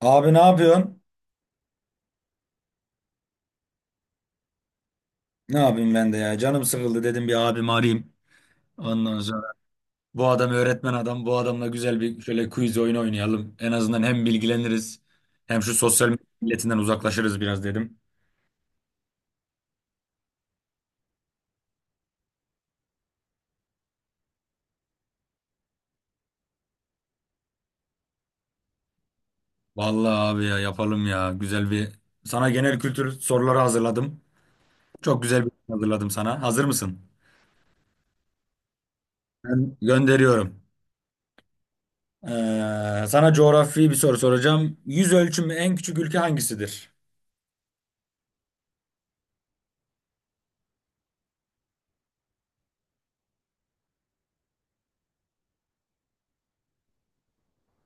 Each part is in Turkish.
Abi ne yapıyorsun? Ne yapayım ben de ya. Canım sıkıldı dedim bir abimi arayayım. Ondan sonra bu adam öğretmen adam. Bu adamla güzel bir şöyle quiz oyunu oynayalım. En azından hem bilgileniriz hem şu sosyal medya milletinden uzaklaşırız biraz dedim. Vallahi abi ya yapalım ya. Güzel bir Sana genel kültür soruları hazırladım. Çok güzel bir şey hazırladım sana. Hazır mısın? Ben gönderiyorum. Sana coğrafi bir soru soracağım. Yüz ölçümü en küçük ülke hangisidir?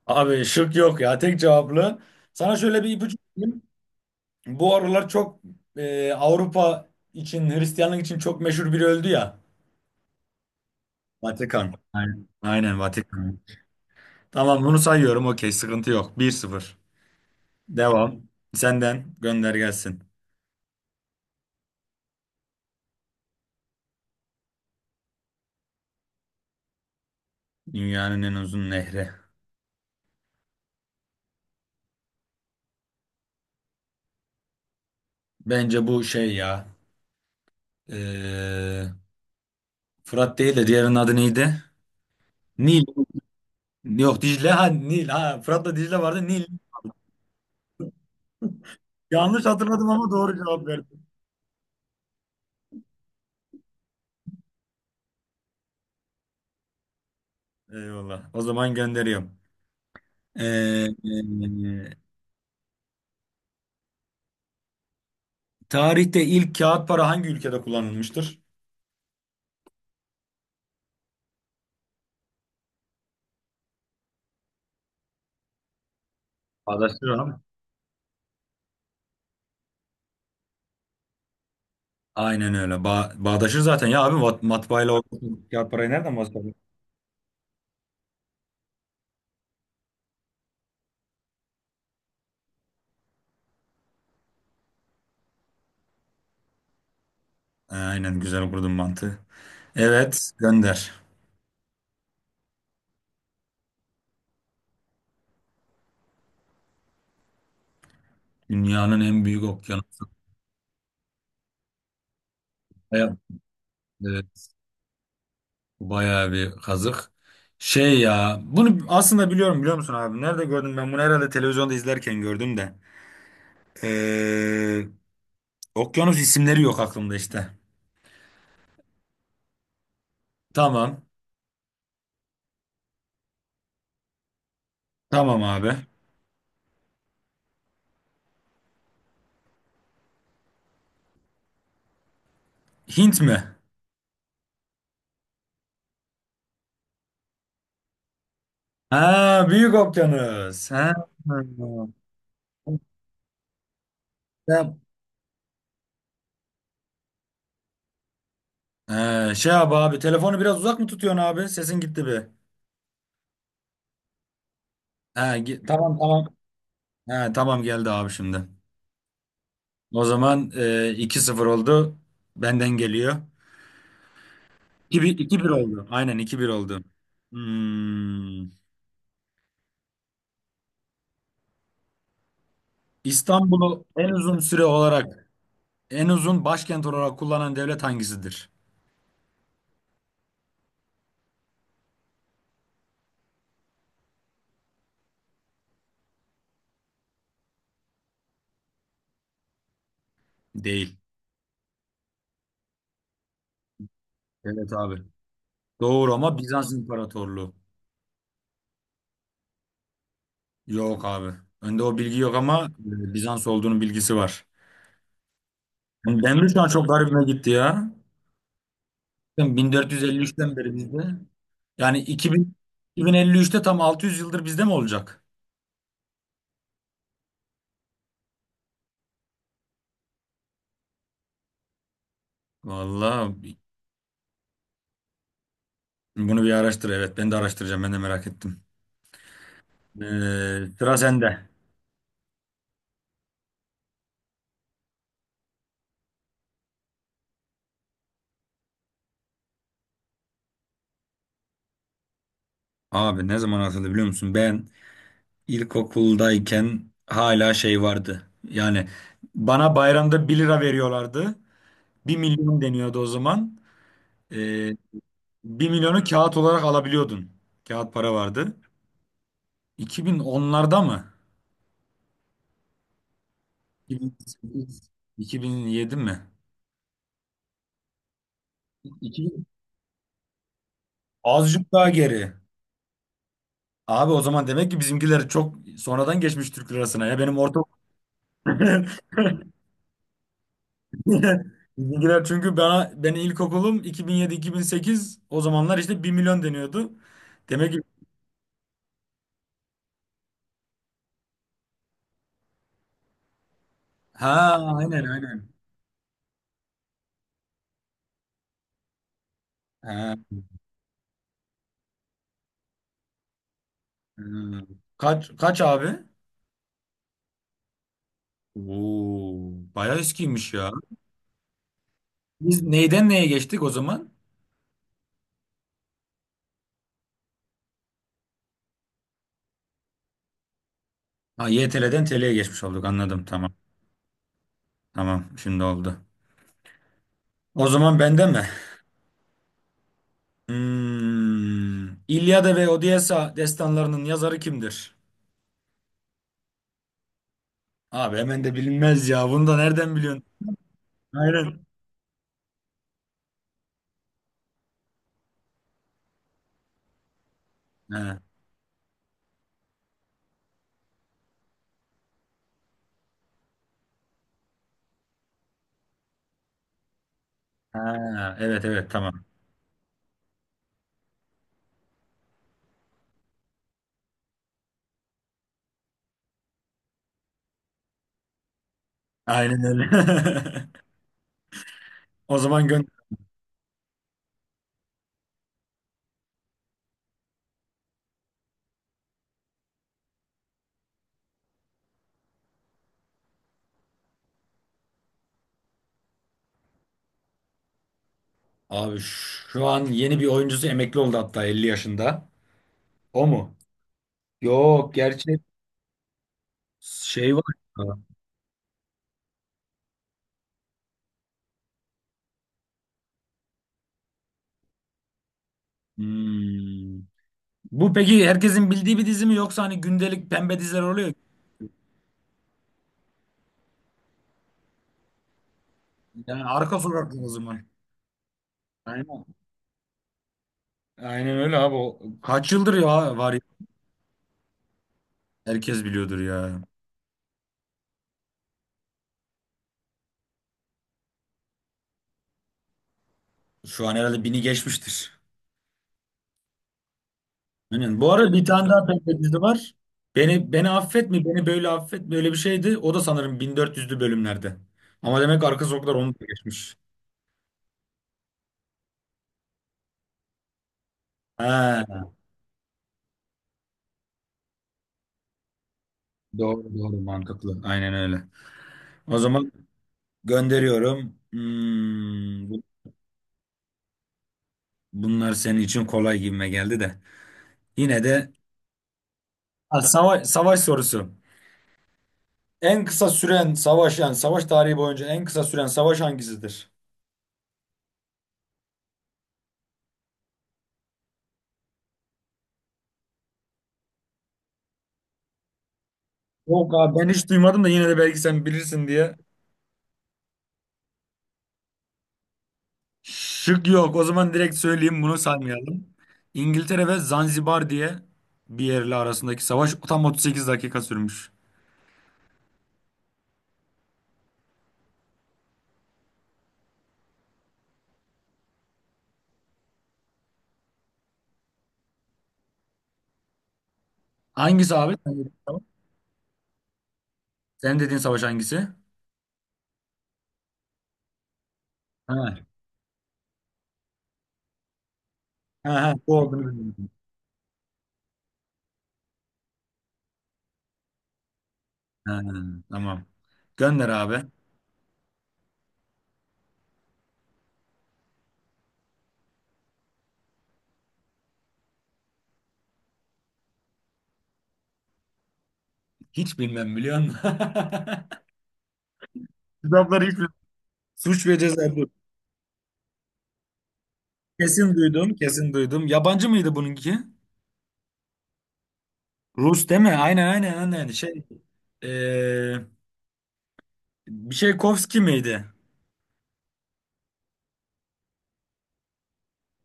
Abi şık yok ya, tek cevaplı. Sana şöyle bir ipucu vereyim. Bu aralar çok Avrupa için, Hristiyanlık için çok meşhur biri öldü ya. Vatikan. Aynen, aynen Vatikan. Tamam bunu sayıyorum, okey, sıkıntı yok. 1-0. Devam. Senden gönder gelsin. Dünyanın en uzun nehri. Bence bu şey ya. e, Fırat değil de diğerinin adı neydi? Nil. Yok, Dicle. Ha, Nil. Ha, Fırat'la Dicle vardı. Nil. Yanlış hatırladım ama doğru cevap verdim. Eyvallah. O zaman gönderiyorum. Ee, e, Tarihte ilk kağıt para hangi ülkede kullanılmıştır? Bağdaştır abi. Aynen öyle. Bağdaşır zaten ya abi. Matbaayla o kağıt parayı nereden bahsediyorsun? Aynen, güzel kurdun mantığı. Evet, gönder. Dünyanın en büyük okyanusu. Baya- Evet, bayağı bir kazık. Şey ya, bunu aslında biliyorum, biliyor musun abi? Nerede gördüm ben bunu, herhalde televizyonda izlerken gördüm de. Ee, Okyanus isimleri yok aklımda işte. Tamam. Tamam abi. Hint mi? Ha, Büyük Okyanus. Ha. Ya- Ha, şey abi telefonu biraz uzak mı tutuyorsun abi? Sesin gitti bir. Ha, tamam tamam. Ha, tamam geldi abi şimdi. O zaman 2-0 oldu. Benden geliyor. 2 bir, iki bir oldu. Aynen, iki bir oldu. Hmm. İstanbul'u en uzun süre olarak, en uzun başkent olarak kullanan devlet hangisidir? Değil. Evet abi. Doğru, ama Bizans İmparatorluğu. Yok abi. Önde o bilgi yok ama Bizans olduğunun bilgisi var. Yani Demir, şu an çok garibime gitti ya. Ben 1453'ten beri bizde. Yani 2000, 2053'te tam 600 yıldır bizde mi olacak? Vallahi bunu bir araştır. Evet, ben de araştıracağım. Ben de merak ettim. Sıra sende. Abi, ne zaman atıldı biliyor musun? Ben ilkokuldayken hala şey vardı. Yani bana bayramda bir lira veriyorlardı. Bir milyon deniyordu o zaman. Ee, Bir milyonu kağıt olarak alabiliyordun. Kağıt para vardı. 2010'larda mı? 2008, 2007 mi? 2000. Azıcık daha geri. Abi, o zaman demek ki bizimkiler çok sonradan geçmiş Türk lirasına ya. Benim orta Bizimkiler, çünkü bana, benim ilkokulum 2007-2008, o zamanlar işte bir milyon deniyordu. Demek ki, ha, aynen aynen. Ha, ha. Kaç kaç abi? Oo, bayağı eskiymiş ya. Biz neyden neye geçtik o zaman? Ha, YTL'den TL'ye geçmiş olduk, anladım, tamam. Tamam şimdi oldu. O zaman bende mi? Hmm. İlyada ve Odysseia destanlarının yazarı kimdir? Abi hemen de bilinmez ya. Bunu da nereden biliyorsun? Aynen. Ha. Ha, evet evet, tamam. Aynen öyle. O zaman gönder. Abi, şu an yeni bir oyuncusu emekli oldu, hatta 50 yaşında. O mu? Yok gerçi, şey var. Hmm. Bu peki, herkesin bildiği bir dizi mi, yoksa hani gündelik pembe diziler oluyor. Yani arka sokaklı o zaman. Aynen. Aynen öyle abi. O kaç yıldır ya var ya. Herkes biliyordur ya. Şu an herhalde bini geçmiştir. Aynen. Bu arada bir tane daha pembe dizi var. Beni affet mi? Beni böyle affet mi? Öyle bir şeydi. O da sanırım 1400'lü bölümlerde. Ama demek arka sokaklar onu da geçmiş. Ha, doğru doğru, mantıklı. Aynen öyle. O zaman gönderiyorum. Hmm, bunlar senin için kolay gibime geldi de. Yine de... Ha, savaş, savaş sorusu. En kısa süren savaş, yani savaş tarihi boyunca en kısa süren savaş hangisidir? Yok abi, ben hiç duymadım, da yine de belki sen bilirsin diye. Şık yok. O zaman direkt söyleyeyim, bunu saymayalım. İngiltere ve Zanzibar diye bir yerle arasındaki savaş tam 38 dakika sürmüş. Hangisi abi? Senin dediğin savaş hangisi? Ha. Ha, ha, bu olduğunu bilmiyordum. Ha, tamam. Gönder abi. Hiç bilmem, biliyor musun? Kitapları hiç bilmem. Suç ve Ceza. Kesin duydum, kesin duydum. Yabancı mıydı bununki? Rus değil mi? Aynen aynen aynen. Şey, eee bir şey Kovski miydi?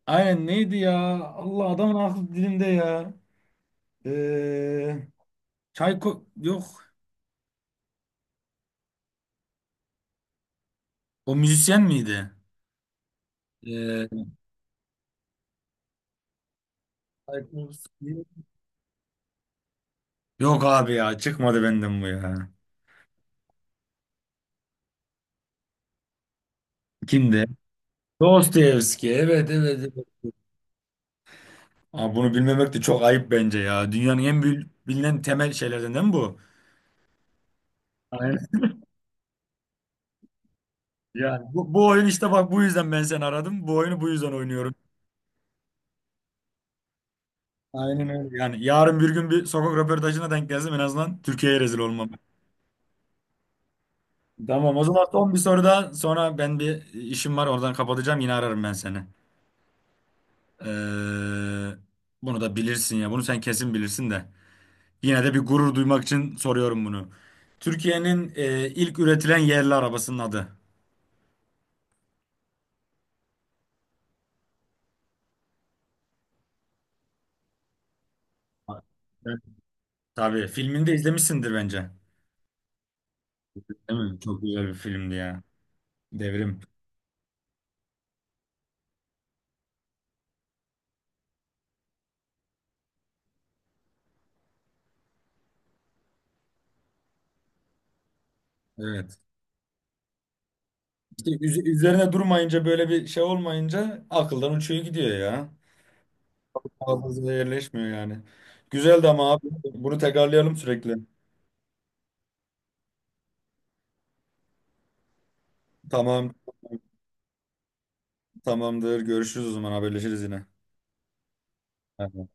Aynen, neydi ya? Allah, adamın aklı dilimde ya. Eee Çayko, yok. O müzisyen miydi? Eee Çaykovski. Yok abi ya, çıkmadı benden bu ya. Kimdi? Dostoyevski. Evet evet evet. Abi, bunu bilmemek de çok ayıp bence ya. Dünyanın en bilinen temel şeylerden değil mi bu? Yani bu oyun, işte bak, bu yüzden ben seni aradım. Bu oyunu bu yüzden oynuyorum. Aynen öyle. Yani yarın bir gün bir sokak röportajına denk gelsem, en azından Türkiye'ye rezil olmam. Tamam, o zaman son bir soru daha. Sonra ben, bir işim var, oradan kapatacağım. Yine ararım ben seni. Ee, Bunu da bilirsin ya. Bunu sen kesin bilirsin de. Yine de bir gurur duymak için soruyorum bunu. Türkiye'nin ilk üretilen yerli arabasının adı. Evet. Tabii filmini de izlemişsindir bence. Değil mi? Çok güzel bir filmdi ya. Devrim. Evet. İşte üzerine durmayınca, böyle bir şey olmayınca akıldan uçuyor gidiyor ya. Hafızada yerleşmiyor yani. Güzeldi ama abi, bunu tekrarlayalım sürekli. Tamam, tamamdır. Görüşürüz o zaman, haberleşiriz yine. Aynen.